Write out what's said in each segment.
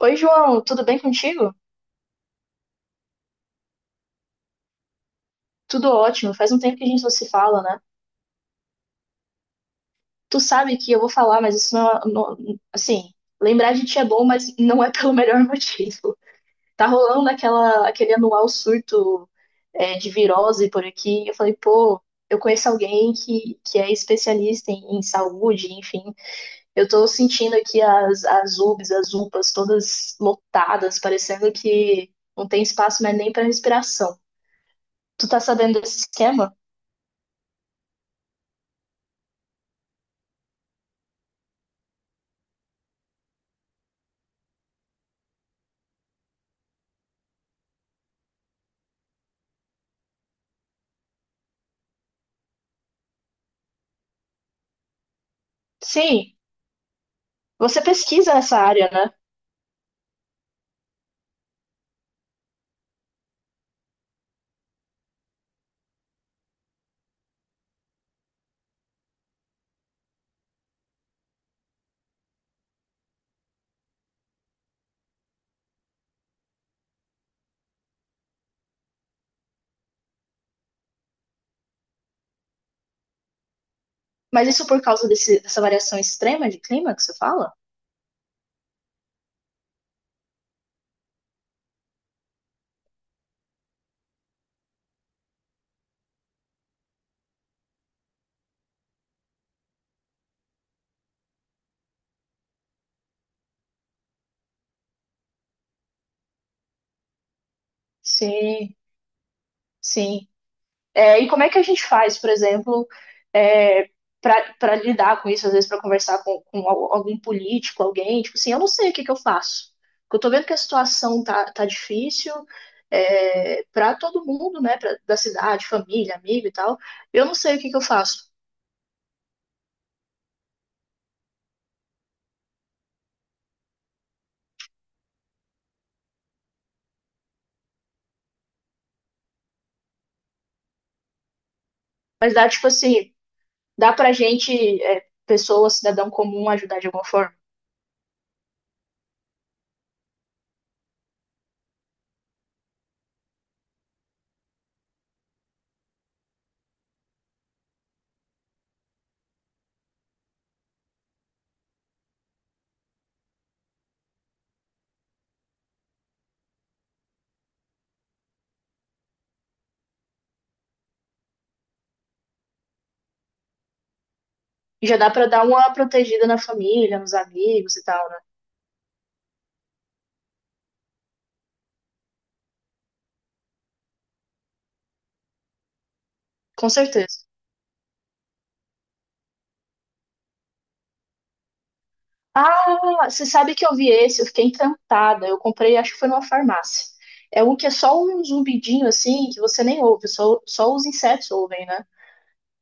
Oi, João, tudo bem contigo? Tudo ótimo. Faz um tempo que a gente não se fala, né? Tu sabe que eu vou falar, mas isso assim, lembrar de ti é bom, mas não é pelo melhor motivo. Tá rolando aquele anual surto, de virose por aqui. Eu falei, pô, eu conheço alguém que é especialista em saúde, enfim. Eu tô sentindo aqui as UBS, as UPAs todas lotadas, parecendo que não tem espaço mais nem pra respiração. Tu tá sabendo desse esquema? Sim. Você pesquisa nessa área, né? Mas isso por causa dessa variação extrema de clima que você fala? Sim, sim. É, e como é que a gente faz, por exemplo, é, para lidar com isso, às vezes para conversar com algum político, alguém, tipo assim, eu não sei o que que eu faço. Porque eu tô vendo que a situação tá difícil para todo mundo, né? Pra, da cidade, família, amigo e tal. Eu não sei o que que eu faço. Mas dá, tipo assim, dá pra gente, pessoa, cidadão comum, ajudar de alguma forma. E já dá pra dar uma protegida na família, nos amigos e tal, né? Com certeza. Ah, você sabe que eu vi esse, eu fiquei encantada. Eu comprei, acho que foi numa farmácia. É um que é só um zumbidinho assim, que você nem ouve, só os insetos ouvem, né?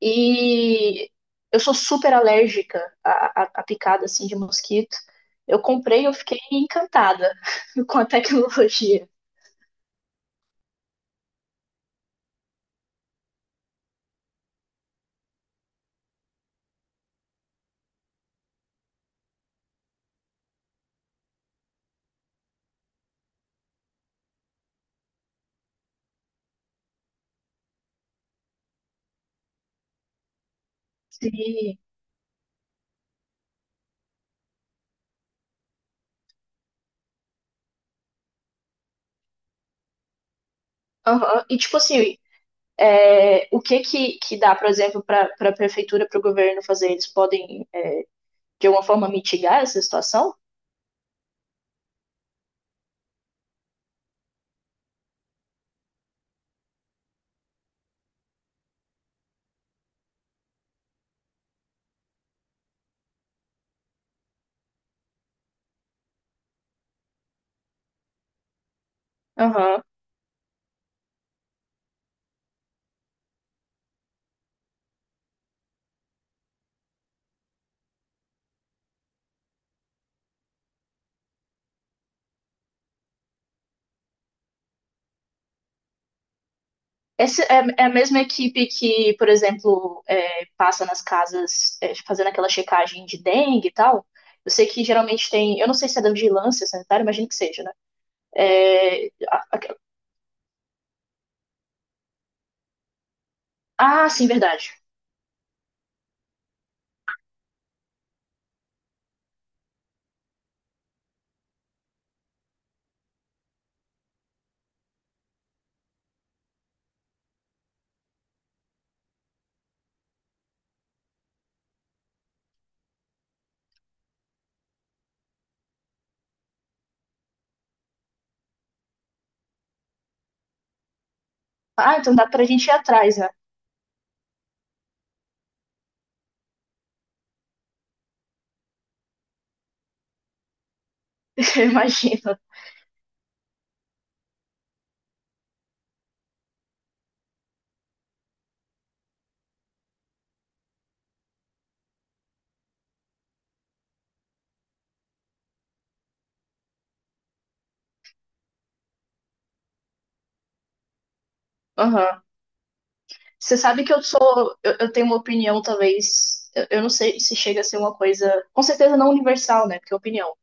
E eu sou super alérgica à picada assim de mosquito. Eu comprei, eu fiquei encantada com a tecnologia. E, aham, e tipo assim, é, o que, que dá, por exemplo, para a prefeitura, para o governo fazer? Eles podem, é, de alguma forma, mitigar essa situação? Aham. Essa é, é a mesma equipe que, por exemplo, é, passa nas casas é, fazendo aquela checagem de dengue e tal. Eu sei que geralmente tem. Eu não sei se é da vigilância sanitária, imagino que seja, né? É, a- a- ah, sim, verdade. Ah, então dá pra gente ir atrás, né? Eu imagino. Aham. Você sabe que eu sou, eu tenho uma opinião, talvez, eu não sei se chega a ser uma coisa, com certeza não universal, né? Porque é opinião,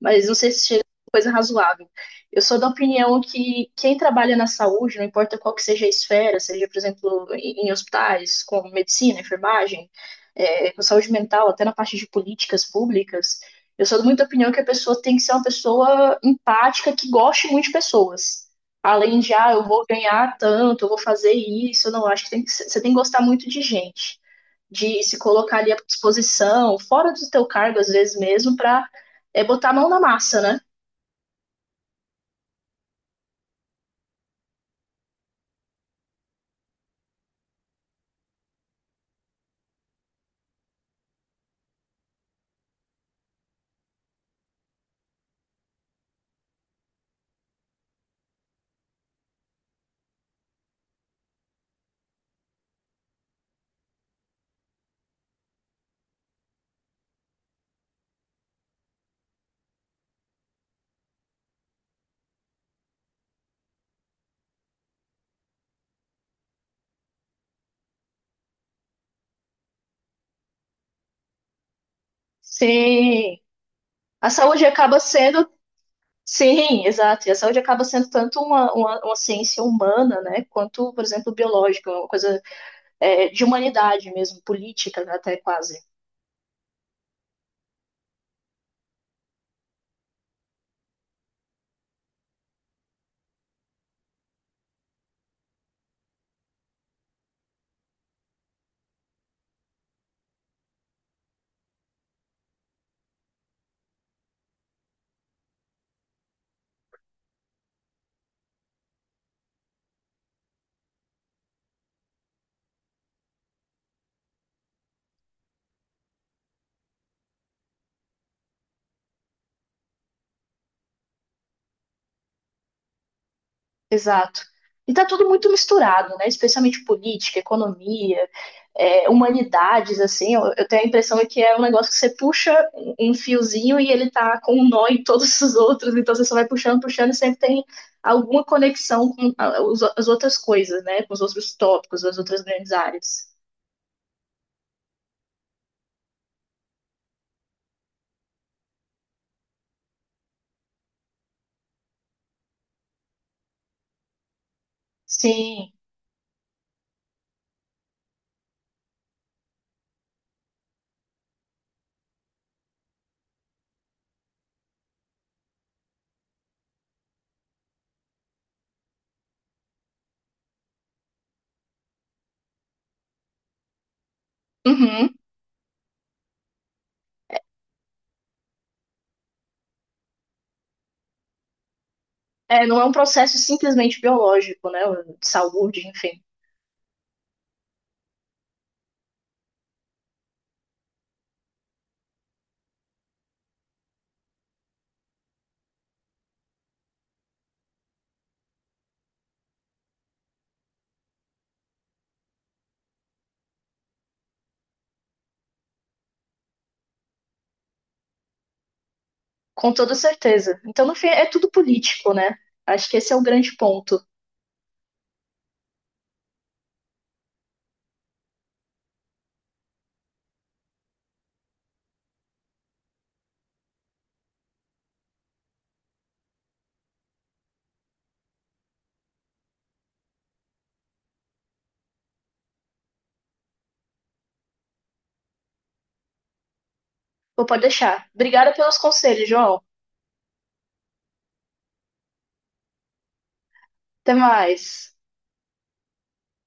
mas não sei se chega a ser uma coisa razoável. Eu sou da opinião que quem trabalha na saúde, não importa qual que seja a esfera, seja, por exemplo, em hospitais, com medicina, enfermagem, com saúde mental, até na parte de políticas públicas, eu sou muito da opinião que a pessoa tem que ser uma pessoa empática, que goste muito de pessoas. Além de, ah, eu vou ganhar tanto, eu vou fazer isso, não, acho que, você tem que gostar muito de gente, de se colocar ali à disposição, fora do teu cargo, às vezes mesmo, para botar a mão na massa, né? Sim. A saúde acaba sendo, sim, exato, e a saúde acaba sendo tanto uma ciência humana, né, quanto, por exemplo, biológica, uma coisa de humanidade mesmo, política né, até quase. Exato. E tá tudo muito misturado, né? Especialmente política, economia, humanidades, assim. Eu tenho a impressão que é um negócio que você puxa um um fiozinho e ele tá com um nó em todos os outros, então você só vai puxando, puxando e sempre tem alguma conexão com as outras coisas, né? Com os outros tópicos, as outras grandes áreas. Sim. Uhum. É, não é um processo simplesmente biológico, né? De saúde, enfim. Com toda certeza. Então, no fim, é tudo político, né? Acho que esse é o grande ponto. Pô, pode deixar. Obrigada pelos conselhos, João. Até mais.